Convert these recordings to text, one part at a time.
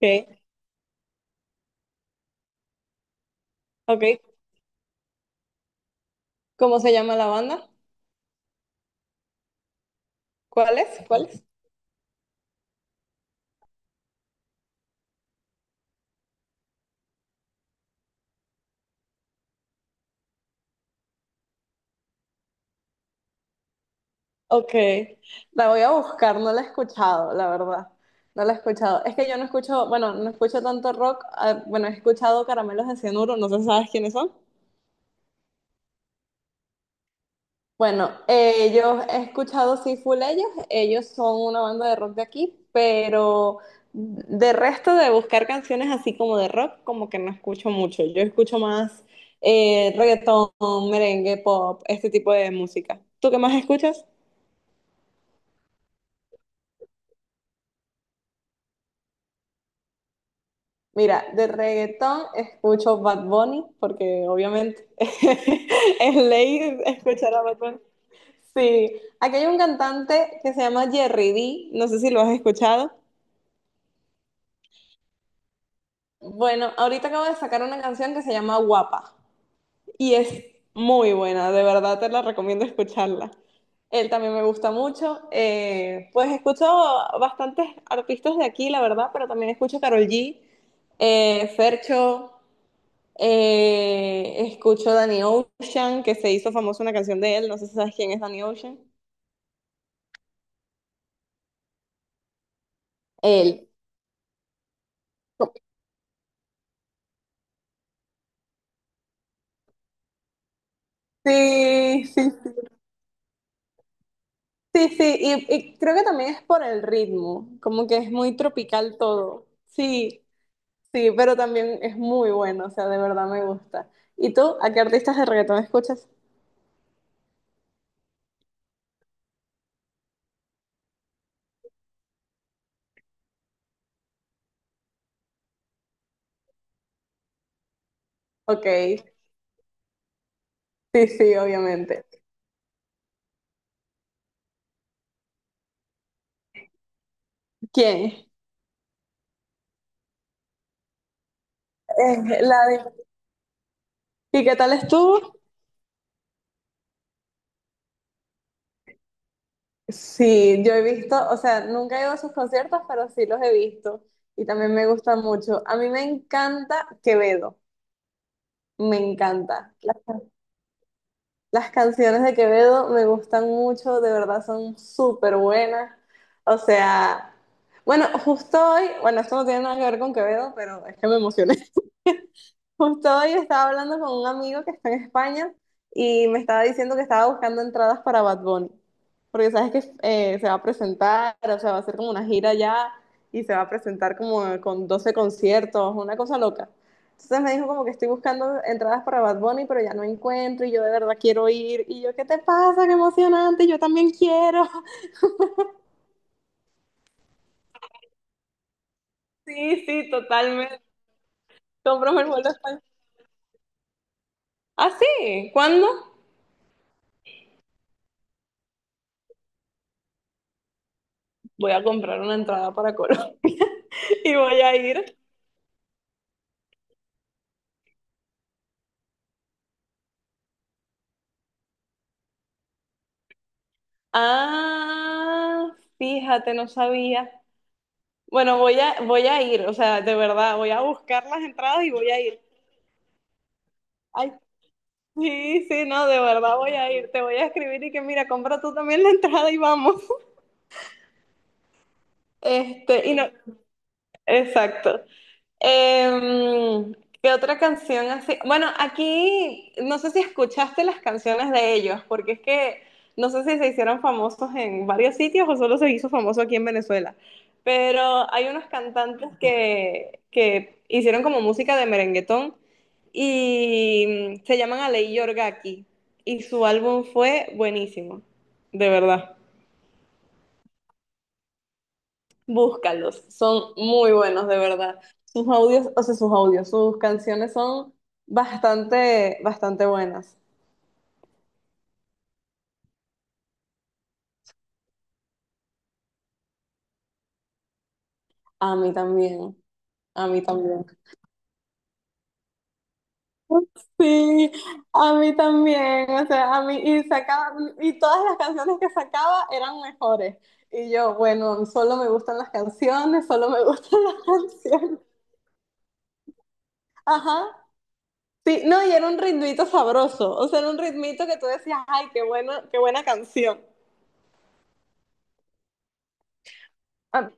Ok, ok. ¿Cómo se llama la banda? ¿Cuál es? ¿Cuál es? Ok, la voy a buscar, no la he escuchado, la verdad. No la he escuchado. Es que yo no escucho, bueno, no escucho tanto rock. Ah, bueno, he escuchado Caramelos de Cianuro, no sé si sabes quiénes son. Bueno, yo he escuchado sí full ellos son una banda de rock de aquí, pero de resto de buscar canciones así como de rock, como que no escucho mucho. Yo escucho más reggaetón, merengue, pop, este tipo de música. ¿Tú qué más escuchas? Mira, de reggaetón escucho Bad Bunny, porque obviamente es ley escuchar a Bad Bunny. Sí, aquí hay un cantante que se llama Jerry D, no sé si lo has escuchado. Bueno, ahorita acabo de sacar una canción que se llama Guapa y es muy buena, de verdad te la recomiendo escucharla. Él también me gusta mucho. Pues escucho bastantes artistas de aquí, la verdad, pero también escucho Karol G, Fercho, escucho Danny Ocean, que se hizo famosa una canción de él, no sé si sabes quién es Danny Ocean. Él. Sí, sí, sí, sí, y creo que también es por el ritmo, como que es muy tropical todo. Sí, sí, pero también es muy bueno, o sea, de verdad me gusta. ¿Y tú, a qué artistas de reggaetón escuchas? Ok, sí, sí, obviamente. ¿Quién? La de. ¿Y qué tal estuvo? Sí, yo he visto, o sea, nunca he ido a sus conciertos, pero sí los he visto y también me gusta mucho. A mí me encanta Quevedo, me encanta. Las canciones de Quevedo me gustan mucho, de verdad son súper buenas. O sea, bueno, justo hoy, bueno, esto no tiene nada que ver con Quevedo, pero es que me emocioné. Justo hoy estaba hablando con un amigo que está en España y me estaba diciendo que estaba buscando entradas para Bad Bunny, porque sabes que se va a presentar, o sea, va a hacer como una gira ya y se va a presentar como con 12 conciertos, una cosa loca. Entonces me dijo como que estoy buscando entradas para Bad Bunny, pero ya no encuentro y yo de verdad quiero ir. Y yo, ¿qué te pasa? ¡Qué emocionante! Yo también quiero. Sí, sí, totalmente. Cómprame el vuelo a España. ¿Ah, sí? ¿Cuándo? Voy a comprar una entrada para Colombia y voy a ir. Ah, fíjate, no sabía. Bueno, voy a ir, o sea, de verdad, voy a buscar las entradas y voy a ir. Ay, sí, sí, no, de verdad voy a ir. Te voy a escribir y que mira, compra tú también la entrada y vamos. Este, y no, exacto. Em, ¿qué otra canción así? Bueno, aquí no sé si escuchaste las canciones de ellos, porque es que no sé si se hicieron famosos en varios sitios o solo se hizo famoso aquí en Venezuela, pero hay unos cantantes que hicieron como música de merenguetón y se llaman Alei Yorgaki y su álbum fue buenísimo, de verdad. Búscalos, son muy buenos, de verdad. Sus audios, o sea, sus audios, sus canciones son bastante, bastante buenas. A mí también, a mí también. Sí, a mí también, o sea, a mí, y sacaba, y todas las canciones que sacaba eran mejores. Y yo, bueno, solo me gustan las canciones, solo me gustan las canciones. Ajá. Sí, no, y era un ritmito sabroso, o sea, era un ritmito que tú decías, ay, qué bueno, qué buena canción. Ah.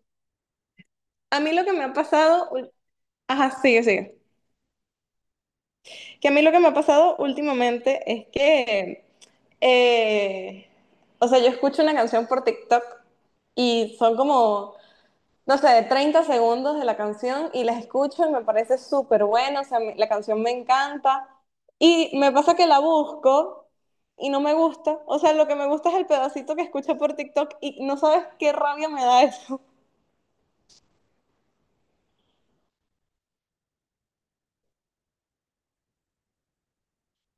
A mí lo que me ha pasado, ajá, sigue, sigue. Que a mí lo que me ha pasado últimamente es que, eh, o sea, yo escucho una canción por TikTok y son como, no sé, 30 segundos de la canción y las escucho y me parece súper buena, o sea, la canción me encanta y me pasa que la busco y no me gusta, o sea, lo que me gusta es el pedacito que escuché por TikTok y no sabes qué rabia me da eso.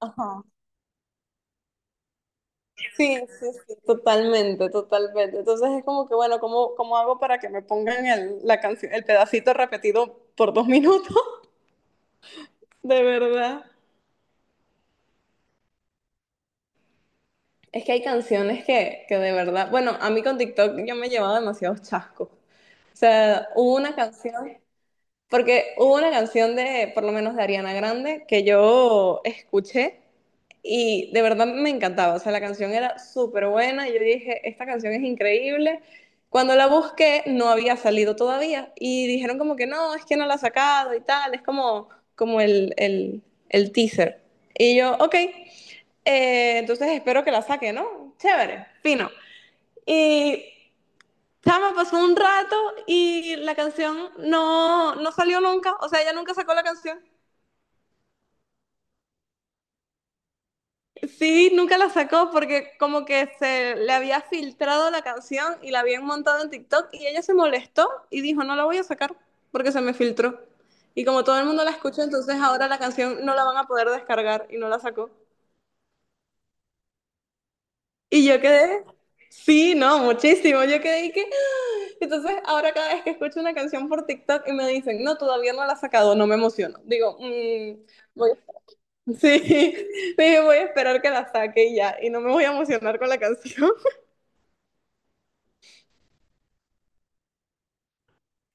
Ajá. Sí, sí, sí, totalmente, totalmente. Entonces es como que, bueno, ¿cómo hago para que me pongan el, la canción, el pedacito repetido por 2 minutos? De verdad. Es que hay canciones que de verdad, bueno, a mí con TikTok yo me he llevado demasiados chascos. O sea, hubo una canción. Porque hubo una canción de, por lo menos de Ariana Grande, que yo escuché y de verdad me encantaba. O sea, la canción era súper buena. Yo dije, esta canción es increíble. Cuando la busqué, no había salido todavía. Y dijeron como que no, es que no la ha sacado y tal. Es como el teaser. Y yo, ok, entonces espero que la saque, ¿no? Chévere, fino. Y chama, pasó un rato y la canción no salió nunca, o sea, ella nunca sacó la canción. Sí, nunca la sacó porque como que se le había filtrado la canción y la habían montado en TikTok y ella se molestó y dijo, no la voy a sacar porque se me filtró. Y como todo el mundo la escucha, entonces ahora la canción no la van a poder descargar y no la sacó. Y yo quedé, sí, no, muchísimo. Yo quedé y que. ¡Ah! Entonces, ahora cada vez que escucho una canción por TikTok y me dicen, no, todavía no la has sacado, no me emociono. Digo, voy, sí, dije, voy a esperar que la saque y ya, y no me voy a emocionar con la canción".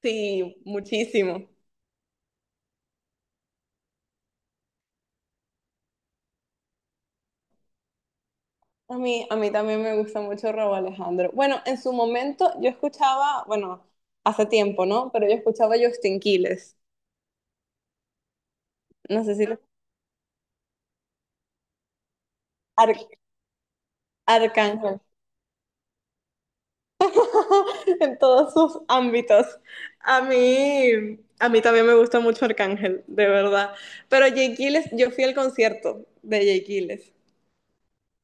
Sí, muchísimo. A mí también me gusta mucho Rauw Alejandro. Bueno, en su momento yo escuchaba, bueno, hace tiempo, ¿no? Pero yo escuchaba Justin Quiles. No sé si lo. Ar- Arcángel. En todos sus ámbitos. A mí también me gusta mucho Arcángel, de verdad. Pero Jay Giles, yo fui al concierto de Jay Giles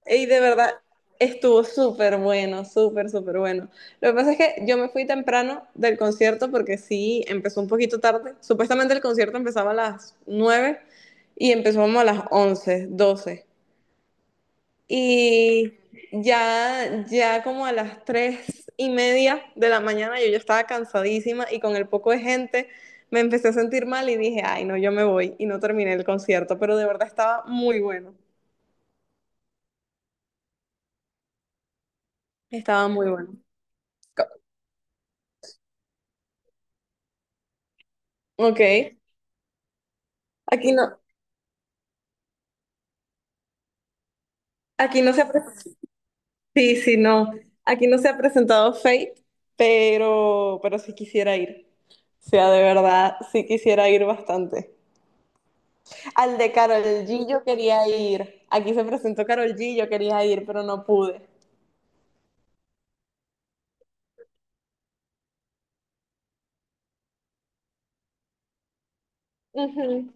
y de verdad estuvo súper bueno, súper, súper bueno. Lo que pasa es que yo me fui temprano del concierto porque sí, empezó un poquito tarde. Supuestamente el concierto empezaba a las 9 y empezó como a las 11, 12 y ya como a las 3:30 de la mañana yo ya estaba cansadísima y con el poco de gente me empecé a sentir mal y dije, ay, no, yo me voy y no terminé el concierto, pero de verdad estaba muy bueno, estaba muy bueno. Co- Ok, aquí no, aquí no se ha presentado, sí, sí, no, aquí no se ha presentado Fate, pero sí quisiera ir, o sea, de verdad, sí quisiera ir bastante. Al de Carol G yo quería ir. Aquí se presentó Carol G, yo quería ir, pero no pude. Ujú.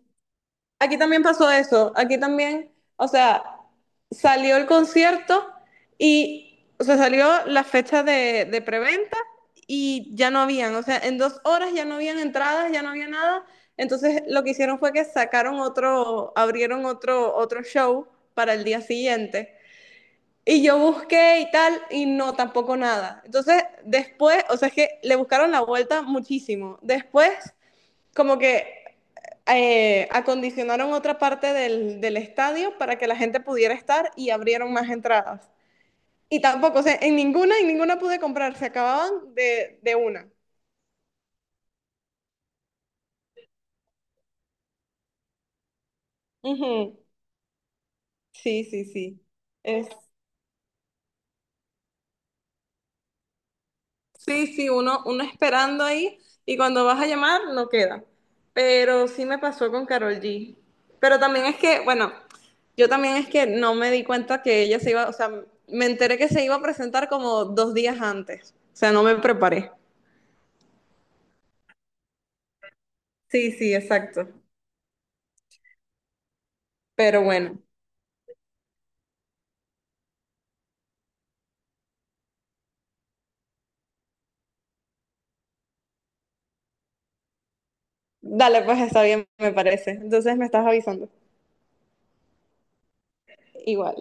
Aquí también pasó eso. Aquí también, o sea, salió el concierto y, o sea, salió la fecha de preventa y ya no habían, o sea, en 2 horas ya no habían entradas, ya no había nada. Entonces lo que hicieron fue que sacaron otro, abrieron otro show para el día siguiente. Y yo busqué y tal, y no, tampoco nada. Entonces, después, o sea, es que le buscaron la vuelta muchísimo. Después, como que acondicionaron otra parte del estadio para que la gente pudiera estar y abrieron más entradas. Y tampoco, o sea, en ninguna pude comprar, se acababan de una. Ujú. Sí, sí, sí. Sí, sí, uno esperando ahí y cuando vas a llamar no queda. Pero sí me pasó con Carol G. Pero también es que, bueno, yo también es que no me di cuenta que ella se iba, o sea, me enteré que se iba a presentar como 2 días antes. O sea, no me preparé. Sí, sí, exacto. Pero bueno, dale, pues está bien, me parece. Entonces me estás avisando. Igual.